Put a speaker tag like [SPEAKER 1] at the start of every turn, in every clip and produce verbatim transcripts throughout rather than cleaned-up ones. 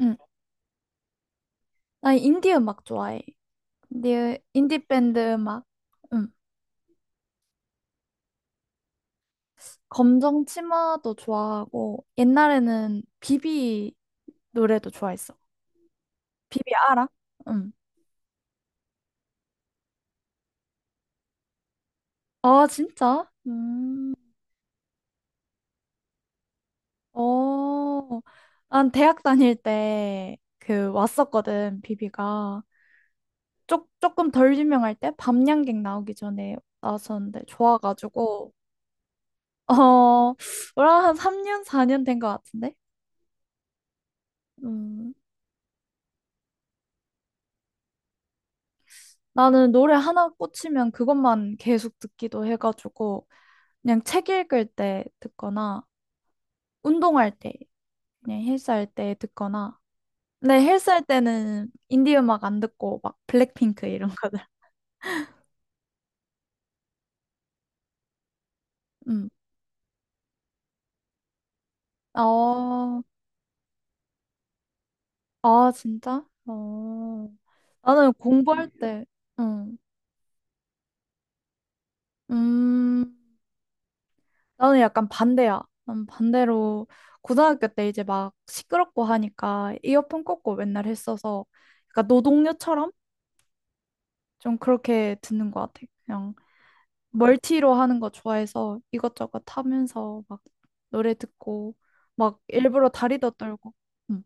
[SPEAKER 1] 응. 나 인디 음악 좋아해. 인디, 인디 밴드 음악. 응. 검정 치마도 좋아하고, 옛날에는 비비 노래도 좋아했어. 비비 알아? 응. 아, 진짜? 음. 어. 난 대학 다닐 때 그 왔었거든, 비비가. 조, 조금 덜 유명할 때 밤양갱 나오기 전에 나왔었는데 좋아가지고. 어, 뭐라 한 삼 년, 사 년 된 것 같은데? 음. 나는 노래 하나 꽂히면 그것만 계속 듣기도 해가지고 그냥 책 읽을 때 듣거나 운동할 때 그냥 헬스할 때 듣거나 근데 헬스할 때는 인디 음악 안 듣고 막 블랙핑크 이런 거들. 음. 어, 아 진짜? 어. 나는 공부할 때. 음. 음. 나는 약간 반대야. 난 반대로 고등학교 때 이제 막 시끄럽고 하니까 이어폰 꽂고 맨날 했어서 그러니까 노동요처럼 좀 그렇게 듣는 것 같아. 그냥 멀티로 하는 거 좋아해서 이것저것 하면서 막 노래 듣고 막 일부러 다리도 떨고. 음.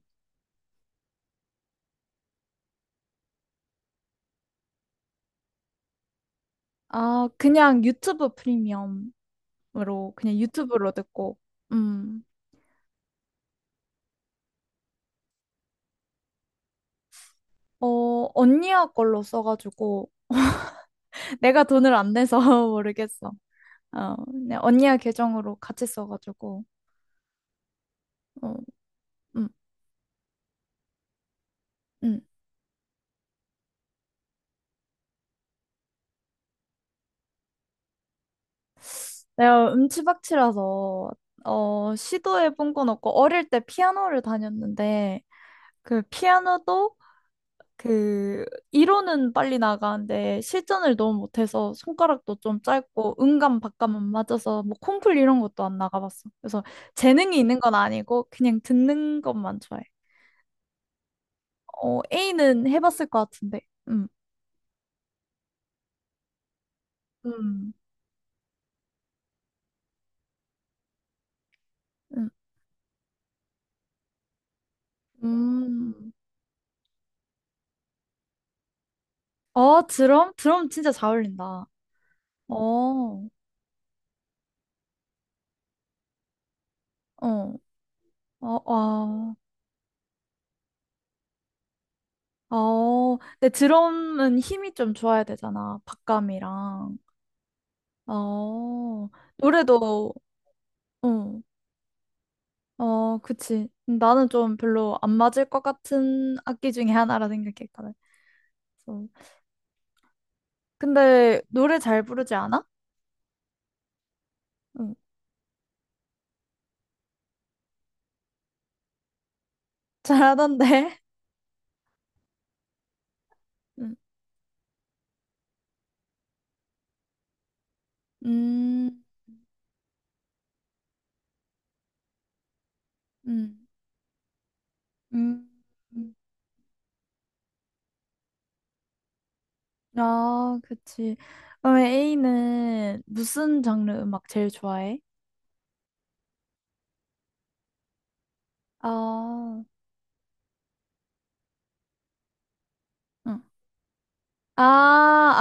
[SPEAKER 1] 아, 그냥 유튜브 프리미엄으로. 그냥 유튜브로 듣고. 음. 어, 언니야 걸로 써가지고 내가 돈을 안 내서 모르겠어. 어, 그냥 언니야 계정으로 같이 써가지고. 어, 음, 음. 내가 음치박치라서 어, 시도해본 건 없고, 어릴 때 피아노를 다녔는데, 그 피아노도 그 이론은 빨리 나가는데 실전을 너무 못해서 손가락도 좀 짧고 음감 박감 안 맞아서 뭐 콩쿨 이런 것도 안 나가봤어. 그래서 재능이 있는 건 아니고 그냥 듣는 것만 좋아해. 어, A는 해봤을 것 같은데. 음, 음, 음, 음. 어, 드럼? 드럼 진짜 잘 어울린다. 어, 어, 어, 어, 어. 근데 드럼은 힘이 좀 좋아야 되잖아. 박감이랑. 어, 노래도, 응, 어, 그치. 나는 좀 별로 안 맞을 것 같은 악기 중에 하나라 생각했거든. 그래서 근데 노래 잘 부르지 않아? 응, 잘하던데. 응, 음, 음, 음. 음. 아, 그치. 그럼 A는 무슨 장르 음악 제일 좋아해? 아, 응. 아,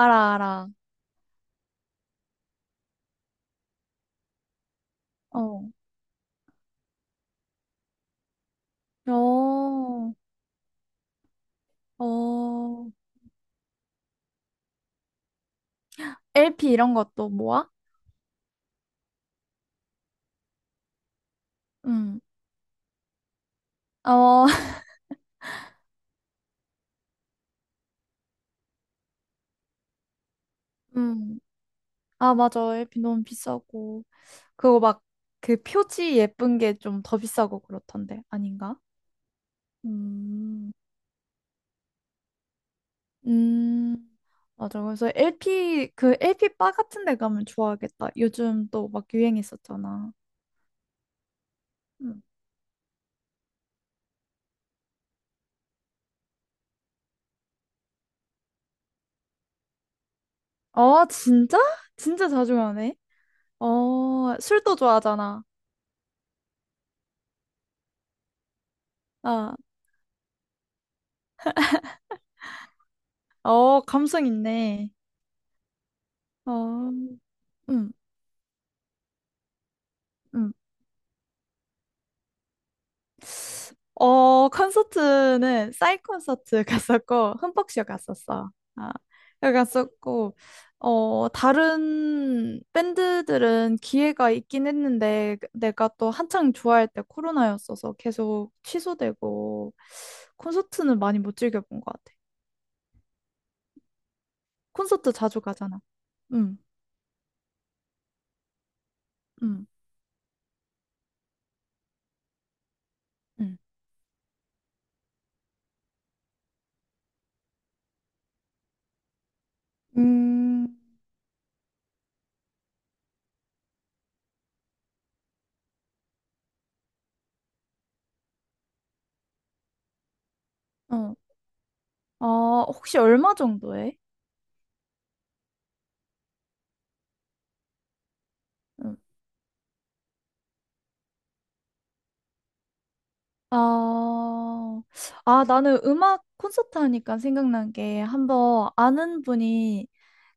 [SPEAKER 1] 알아, 알아. 어, 어, 어. 엘피 이런 것도 모아? 응. 어, 음. 아, 맞아. 에 p 너무 비싸고. 그거 막, 그 표지 예쁜 게 좀 더 비싸고 그렇던데. 아닌가? 음, 음, 맞아. 그래서 엘피, 그 엘피 바 같은 데 가면 좋아하겠다. 요즘 또 막 유행했었잖아. 음. 어, 진짜? 진짜 자주 가네. 어, 술도 좋아하잖아. 아, 어, 감성 있네. 어, 음, 음. 어, 콘서트는 싸이 콘서트 갔었고 흠뻑쇼 갔었어. 아, 여기 갔었고 어, 다른 밴드들은 기회가 있긴 했는데 내가 또 한창 좋아할 때 코로나였어서 계속 취소되고 콘서트는 많이 못 즐겨본 것 같아. 콘서트 자주 가잖아. 응, 응, 응. 음, 어, 어, 혹시 얼마 정도 해? 아, 아, 나는 음악 콘서트 하니까 생각난 게 한번 아는 분이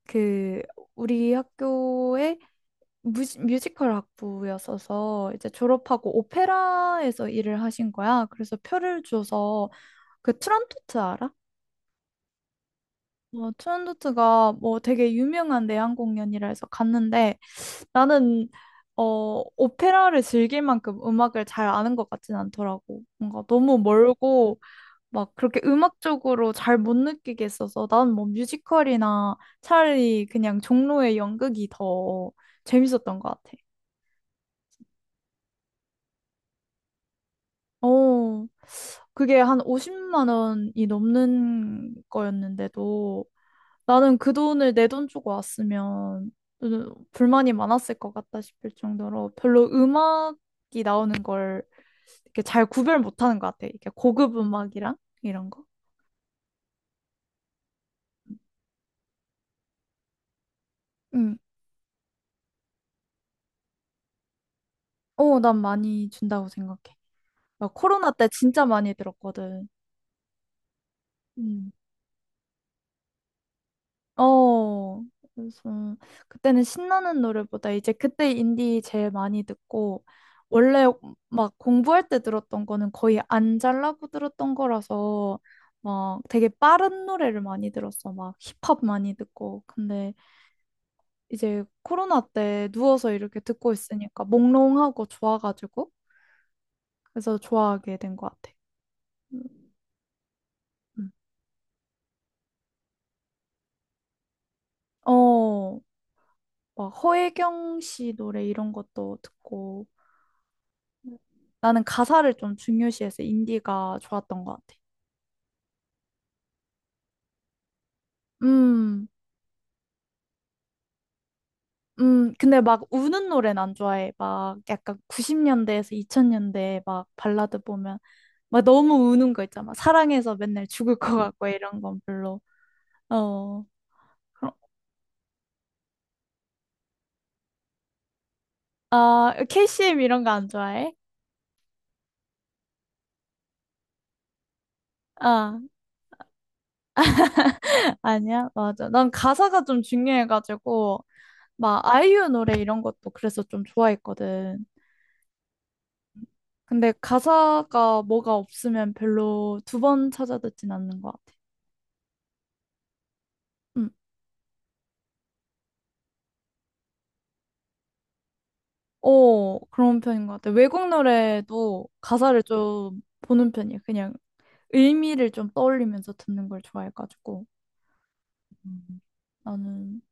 [SPEAKER 1] 그 우리 학교의 뮤지, 뮤지컬 학부였어서 이제 졸업하고 오페라에서 일을 하신 거야. 그래서 표를 줘서 그 트란토트 알아? 어, 트란토트가 뭐 되게 유명한 내한 공연이라 해서 갔는데 나는 어, 오페라를 즐길 만큼 음악을 잘 아는 것 같진 않더라고. 뭔가 너무 멀고 막 그렇게 음악적으로 잘 못 느끼게 했어서 난 뭐 뮤지컬이나 차라리 그냥 종로의 연극이 더 재밌었던 것 같아. 어, 그게 한 오십만 원이 넘는 거였는데도 나는 그 돈을 내 돈 주고 왔으면 음, 불만이 많았을 것 같다 싶을 정도로 별로 음악이 나오는 걸 이렇게 잘 구별 못하는 것 같아. 이렇게 고급 음악이랑 이런 거. 응. 응. 어, 난 많이 준다고 생각해. 나 코로나 때 진짜 많이 들었거든. 음. 어, 그래서 그때는 신나는 노래보다 이제 그때 인디 제일 많이 듣고 원래 막 공부할 때 들었던 거는 거의 안 잘라고 들었던 거라서 막 되게 빠른 노래를 많이 들었어. 막 힙합 많이 듣고. 근데 이제 코로나 때 누워서 이렇게 듣고 있으니까 몽롱하고 좋아가지고 그래서 좋아하게 된 것 같아. 음. 음. 어, 막 허혜경 씨 노래 이런 것도 듣고 나는 가사를 좀 중요시해서 인디가 좋았던 것 같아. 음, 음, 근데 막 우는 노래는 안 좋아해. 막 약간 구십 년대에서 이천 년대 막 발라드 보면 막 너무 우는 거 있잖아. 막 사랑해서 맨날 죽을 것 같고 이런 건 별로. 어, 그럼, 아, 케이씨엠 이런 거 안 좋아해? 아, 아니야? 맞아. 난 가사가 좀 중요해가지고 막 아이유 노래 이런 것도 그래서 좀 좋아했거든. 근데 가사가 뭐가 없으면 별로 두 번 찾아 듣진 않는 것 같아. 음. 어, 그런 편인 것 같아. 외국 노래도 가사를 좀 보는 편이야. 그냥 의미를 좀 떠올리면서 듣는 걸 좋아해가지고. 음. 나는,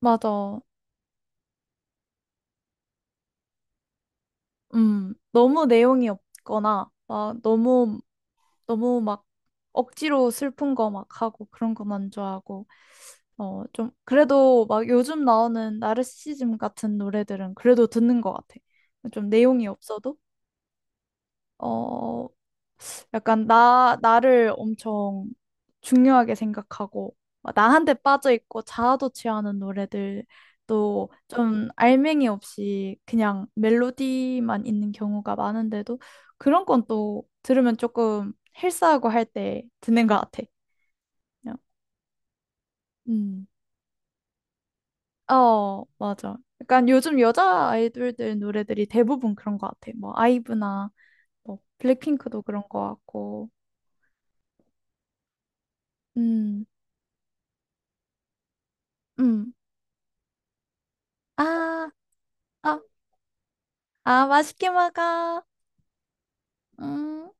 [SPEAKER 1] 맞아. 음, 너무 내용이 없거나, 막 너무, 너무 막 억지로 슬픈 거 막 하고 그런 거만 좋아하고. 어, 좀, 그래도 막 요즘 나오는 나르시즘 같은 노래들은 그래도 듣는 것 같아. 좀 내용이 없어도, 어, 약간 나, 나를 엄청 중요하게 생각하고, 막 나한테 빠져있고 자아도 취하는 노래들도 좀 알맹이 없이 그냥 멜로디만 있는 경우가 많은데도 그런 건 또 들으면 조금 헬스하고 할 때 듣는 것 같아. 그냥, 음. 어, 맞아. 약간 요즘 여자 아이돌들 노래들이 대부분 그런 것 같아. 뭐, 아이브나, 뭐, 블랙핑크도 그런 것 같고. 음, 음. 아, 아, 아, 맛있게 먹어. 음.